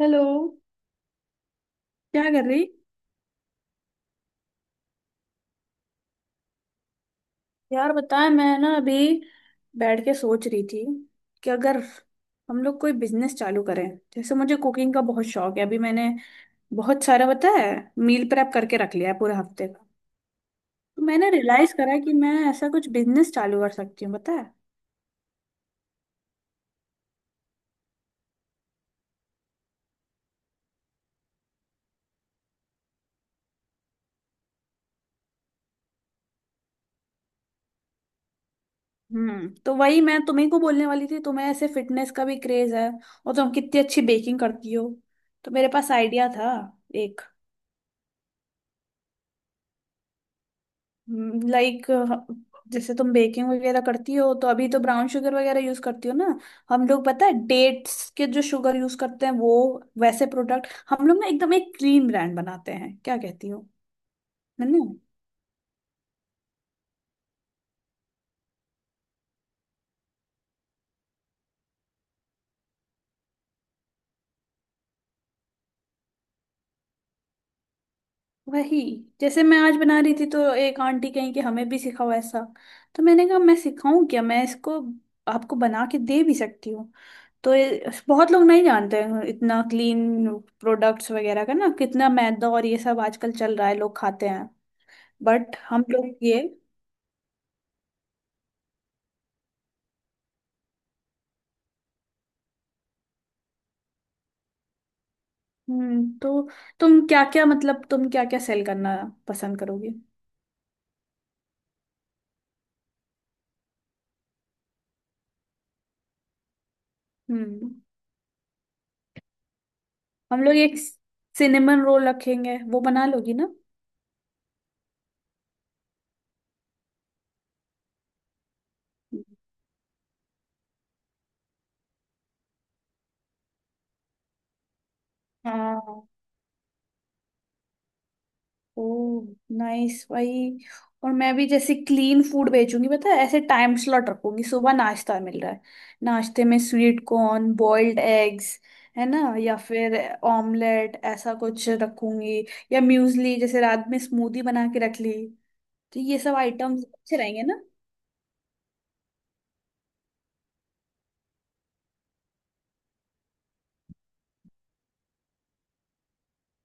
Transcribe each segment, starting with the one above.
Hello. क्या कर रही। यार बताएं मैं ना अभी बैठ के सोच रही थी कि अगर हम लोग कोई बिजनेस चालू करें। जैसे मुझे कुकिंग का बहुत शौक है, अभी मैंने बहुत सारा पता है, मील प्रेप करके रख लिया है पूरे हफ्ते का। तो मैंने रियलाइज करा कि मैं ऐसा कुछ बिजनेस चालू कर सकती हूँ पता है। तो वही मैं तुम्ही को बोलने वाली थी, तुम्हें ऐसे फिटनेस का भी क्रेज है और तुम कितनी अच्छी बेकिंग करती हो। तो मेरे पास आइडिया था एक। लाइक जैसे तुम बेकिंग वगैरह करती हो, तो अभी तो ब्राउन शुगर वगैरह यूज करती हो ना। हम लोग पता है डेट्स के जो शुगर यूज करते हैं वो, वैसे प्रोडक्ट हम लोग ना एकदम एक क्लीन ब्रांड बनाते हैं, क्या कहती हो। है ना। वही, जैसे मैं आज बना रही थी तो एक आंटी कहीं कि हमें भी सिखाओ ऐसा। तो मैंने कहा मैं सिखाऊं क्या, मैं इसको आपको बना के दे भी सकती हूँ। तो बहुत लोग नहीं जानते हैं इतना क्लीन प्रोडक्ट्स वगैरह का, ना कितना मैदा और ये सब आजकल चल रहा है, लोग खाते हैं। बट हम लोग ये। तो तुम क्या क्या, मतलब तुम क्या क्या सेल करना पसंद करोगे। हम्म हम लोग एक सिनेमन रोल रखेंगे, वो बना लोगी ना। हाँ। ओ नाइस भाई। और मैं भी जैसे क्लीन फूड बेचूंगी, पता है, ऐसे टाइम स्लॉट रखूंगी, सुबह नाश्ता मिल रहा है। नाश्ते में स्वीट कॉर्न, बॉइल्ड एग्स, है ना, या फिर ऑमलेट, ऐसा कुछ रखूंगी। या म्यूजली, जैसे रात में स्मूदी बना के रख ली। तो ये सब आइटम्स अच्छे रहेंगे ना।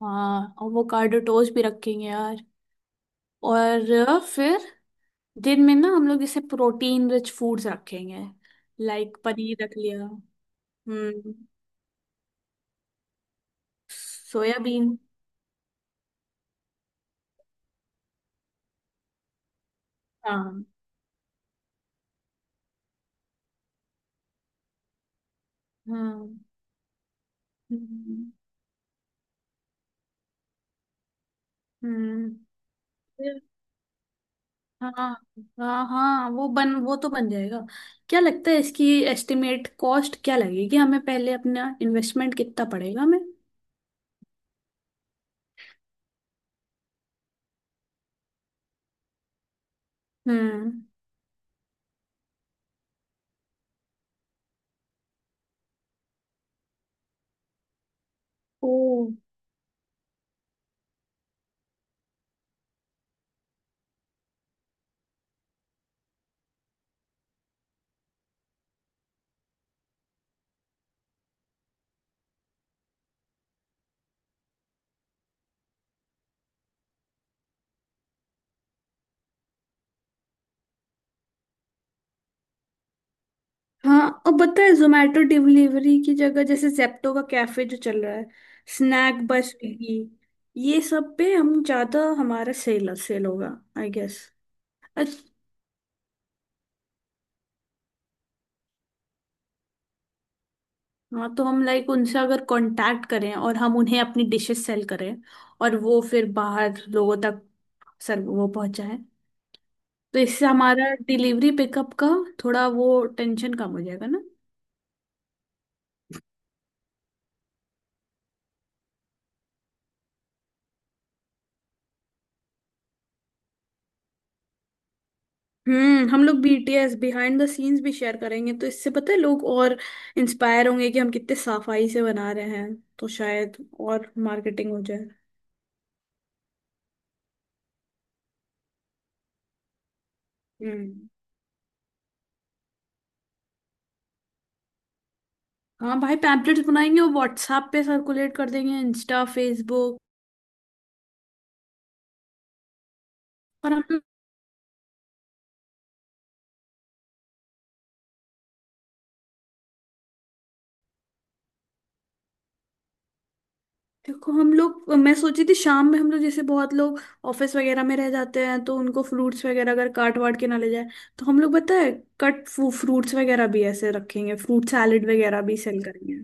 हाँ, आवोकाडो टोस्ट भी रखेंगे यार। और फिर दिन में ना हम लोग जैसे प्रोटीन रिच फूड्स रखेंगे। लाइक पनीर रख लिया। हम्म। सोयाबीन। हाँ हाँ। हम्म, हम्म। फिर- हाँ हाँ हाँ, वो तो बन जाएगा। क्या लगता है इसकी एस्टिमेट कॉस्ट क्या लगेगी हमें, पहले अपना इन्वेस्टमेंट कितना पड़ेगा हमें। हम्म। ओ। हाँ, और पता है जोमेटो डिलीवरी की जगह जैसे जेप्टो का कैफे जो चल रहा है, स्नैक बाय स्विगी, ये सब पे हम ज्यादा हमारा सेल सेल होगा, आई गेस। अच्छा। हाँ, तो हम लाइक उनसे अगर कांटेक्ट करें और हम उन्हें अपनी डिशेस सेल करें, और वो फिर बाहर लोगों तक सर वो पहुंचाएं। तो इससे हमारा डिलीवरी पिकअप का थोड़ा वो टेंशन कम हो जाएगा ना। हम लोग BTS बिहाइंड द सीन्स भी शेयर करेंगे, तो इससे पता है लोग और इंस्पायर होंगे कि हम कितने साफाई से बना रहे हैं, तो शायद और मार्केटिंग हो जाए। हम्म। हाँ भाई, पैम्पलेट्स बनाएंगे और व्हाट्सएप पे सर्कुलेट कर देंगे, इंस्टा, फेसबुक। और हम। देखो हम लोग, मैं सोची थी शाम में हम लोग जैसे बहुत लोग ऑफिस वगैरह में रह जाते हैं, तो उनको फ्रूट्स वगैरह अगर काट वाट के ना ले जाए, तो हम लोग पता है कट फ्रूट्स वगैरह भी ऐसे रखेंगे, फ्रूट सैलेड वगैरह भी सेल करेंगे।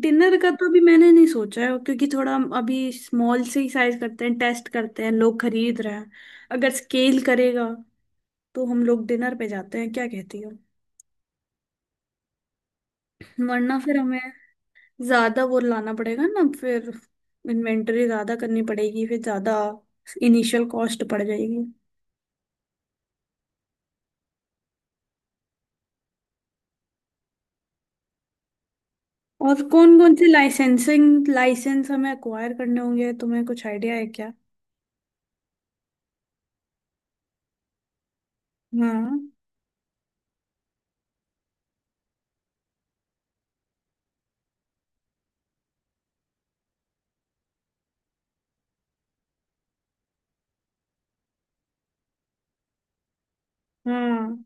डिनर का तो अभी मैंने नहीं सोचा है, क्योंकि थोड़ा हम अभी स्मॉल से ही साइज करते हैं, टेस्ट करते हैं लोग खरीद रहे हैं। अगर स्केल करेगा तो हम लोग डिनर पे जाते हैं, क्या कहती हो। वरना फिर हमें ज्यादा वो लाना पड़ेगा ना, फिर इन्वेंटरी ज्यादा करनी पड़ेगी, फिर ज्यादा इनिशियल कॉस्ट पड़ जाएगी। और कौन कौन से लाइसेंसिंग, लाइसेंस हमें अक्वायर करने होंगे, तुम्हें कुछ आइडिया है क्या। हाँ हाँ।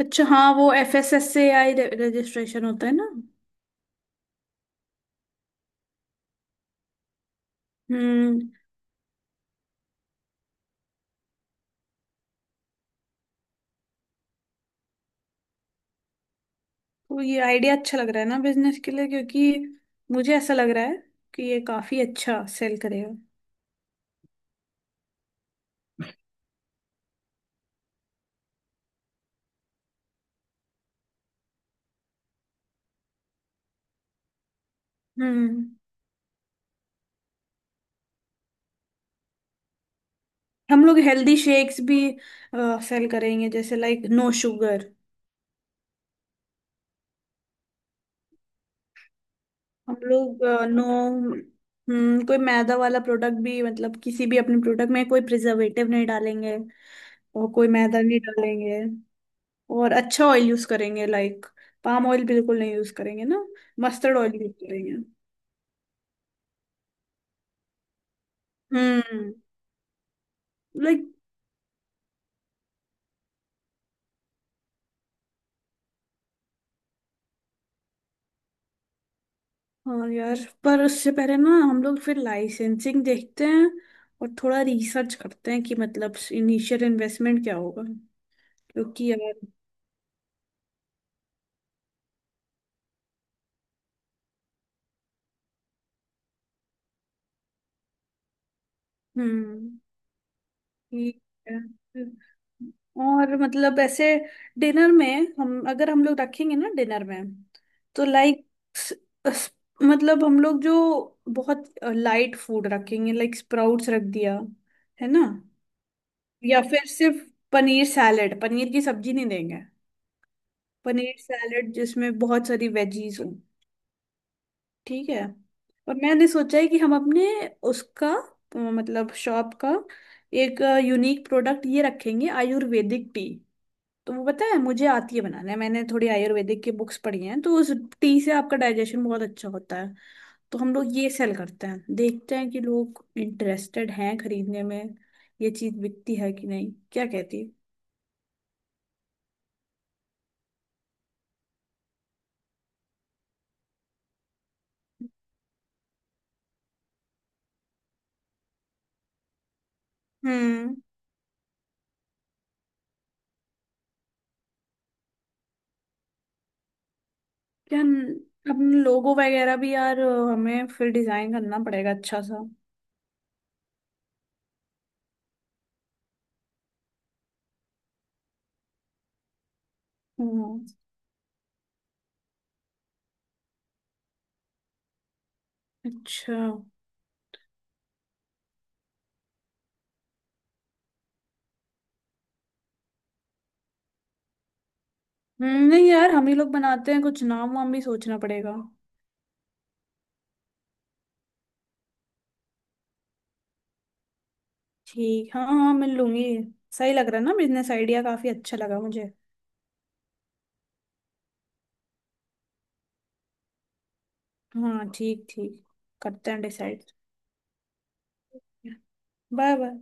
अच्छा, हाँ वो FSSAI रजिस्ट्रेशन होता है ना। हम्म। तो ये आइडिया अच्छा लग रहा है ना बिजनेस के लिए, क्योंकि मुझे ऐसा लग रहा है कि ये काफी अच्छा सेल करेगा। हम्म। हम लोग हेल्दी शेक्स भी सेल करेंगे, जैसे लाइक नो शुगर। हम लोग नो। कोई मैदा वाला प्रोडक्ट भी, मतलब किसी भी अपने प्रोडक्ट में कोई प्रिजर्वेटिव नहीं डालेंगे, और कोई मैदा नहीं डालेंगे। और अच्छा ऑयल यूज करेंगे, लाइक पाम ऑयल बिल्कुल नहीं यूज करेंगे ना, मस्टर्ड ऑयल यूज करेंगे। हम्म। लाइक। हाँ यार, पर उससे पहले ना हम लोग फिर लाइसेंसिंग देखते हैं, और थोड़ा रिसर्च करते हैं कि मतलब इनिशियल इन्वेस्टमेंट क्या होगा, क्योंकि यार। हम्म। ठीक है। और मतलब ऐसे डिनर में, हम अगर हम लोग रखेंगे ना डिनर में, तो लाइक मतलब हम लोग जो बहुत लाइट फूड रखेंगे, लाइक स्प्राउट्स रख दिया, है ना। या फिर सिर्फ पनीर सैलेड, पनीर की सब्जी नहीं देंगे, पनीर सैलेड जिसमें बहुत सारी वेजीज हो। ठीक है। और मैंने सोचा है कि हम अपने उसका मतलब शॉप का एक यूनिक प्रोडक्ट ये रखेंगे, आयुर्वेदिक टी। तो वो पता है मुझे आती है बनाना, मैंने थोड़ी आयुर्वेदिक की बुक्स पढ़ी हैं, तो उस टी से आपका डाइजेशन बहुत अच्छा होता है। तो हम लोग ये सेल करते हैं, देखते हैं कि लोग इंटरेस्टेड हैं खरीदने में, ये चीज बिकती है कि नहीं, क्या कहती है। हम्म। क्या अपने लोगो वगैरह भी यार, हमें फिर डिजाइन करना पड़ेगा अच्छा सा। हम्म। अच्छा। नहीं यार, हम ही लोग बनाते हैं, कुछ नाम वाम भी सोचना पड़ेगा। ठीक। हाँ हाँ हाँ, मिल लूंगी। सही लग रहा है ना, बिजनेस आइडिया काफी अच्छा लगा मुझे। हाँ, ठीक ठीक। करते हैं डिसाइड। Bye bye.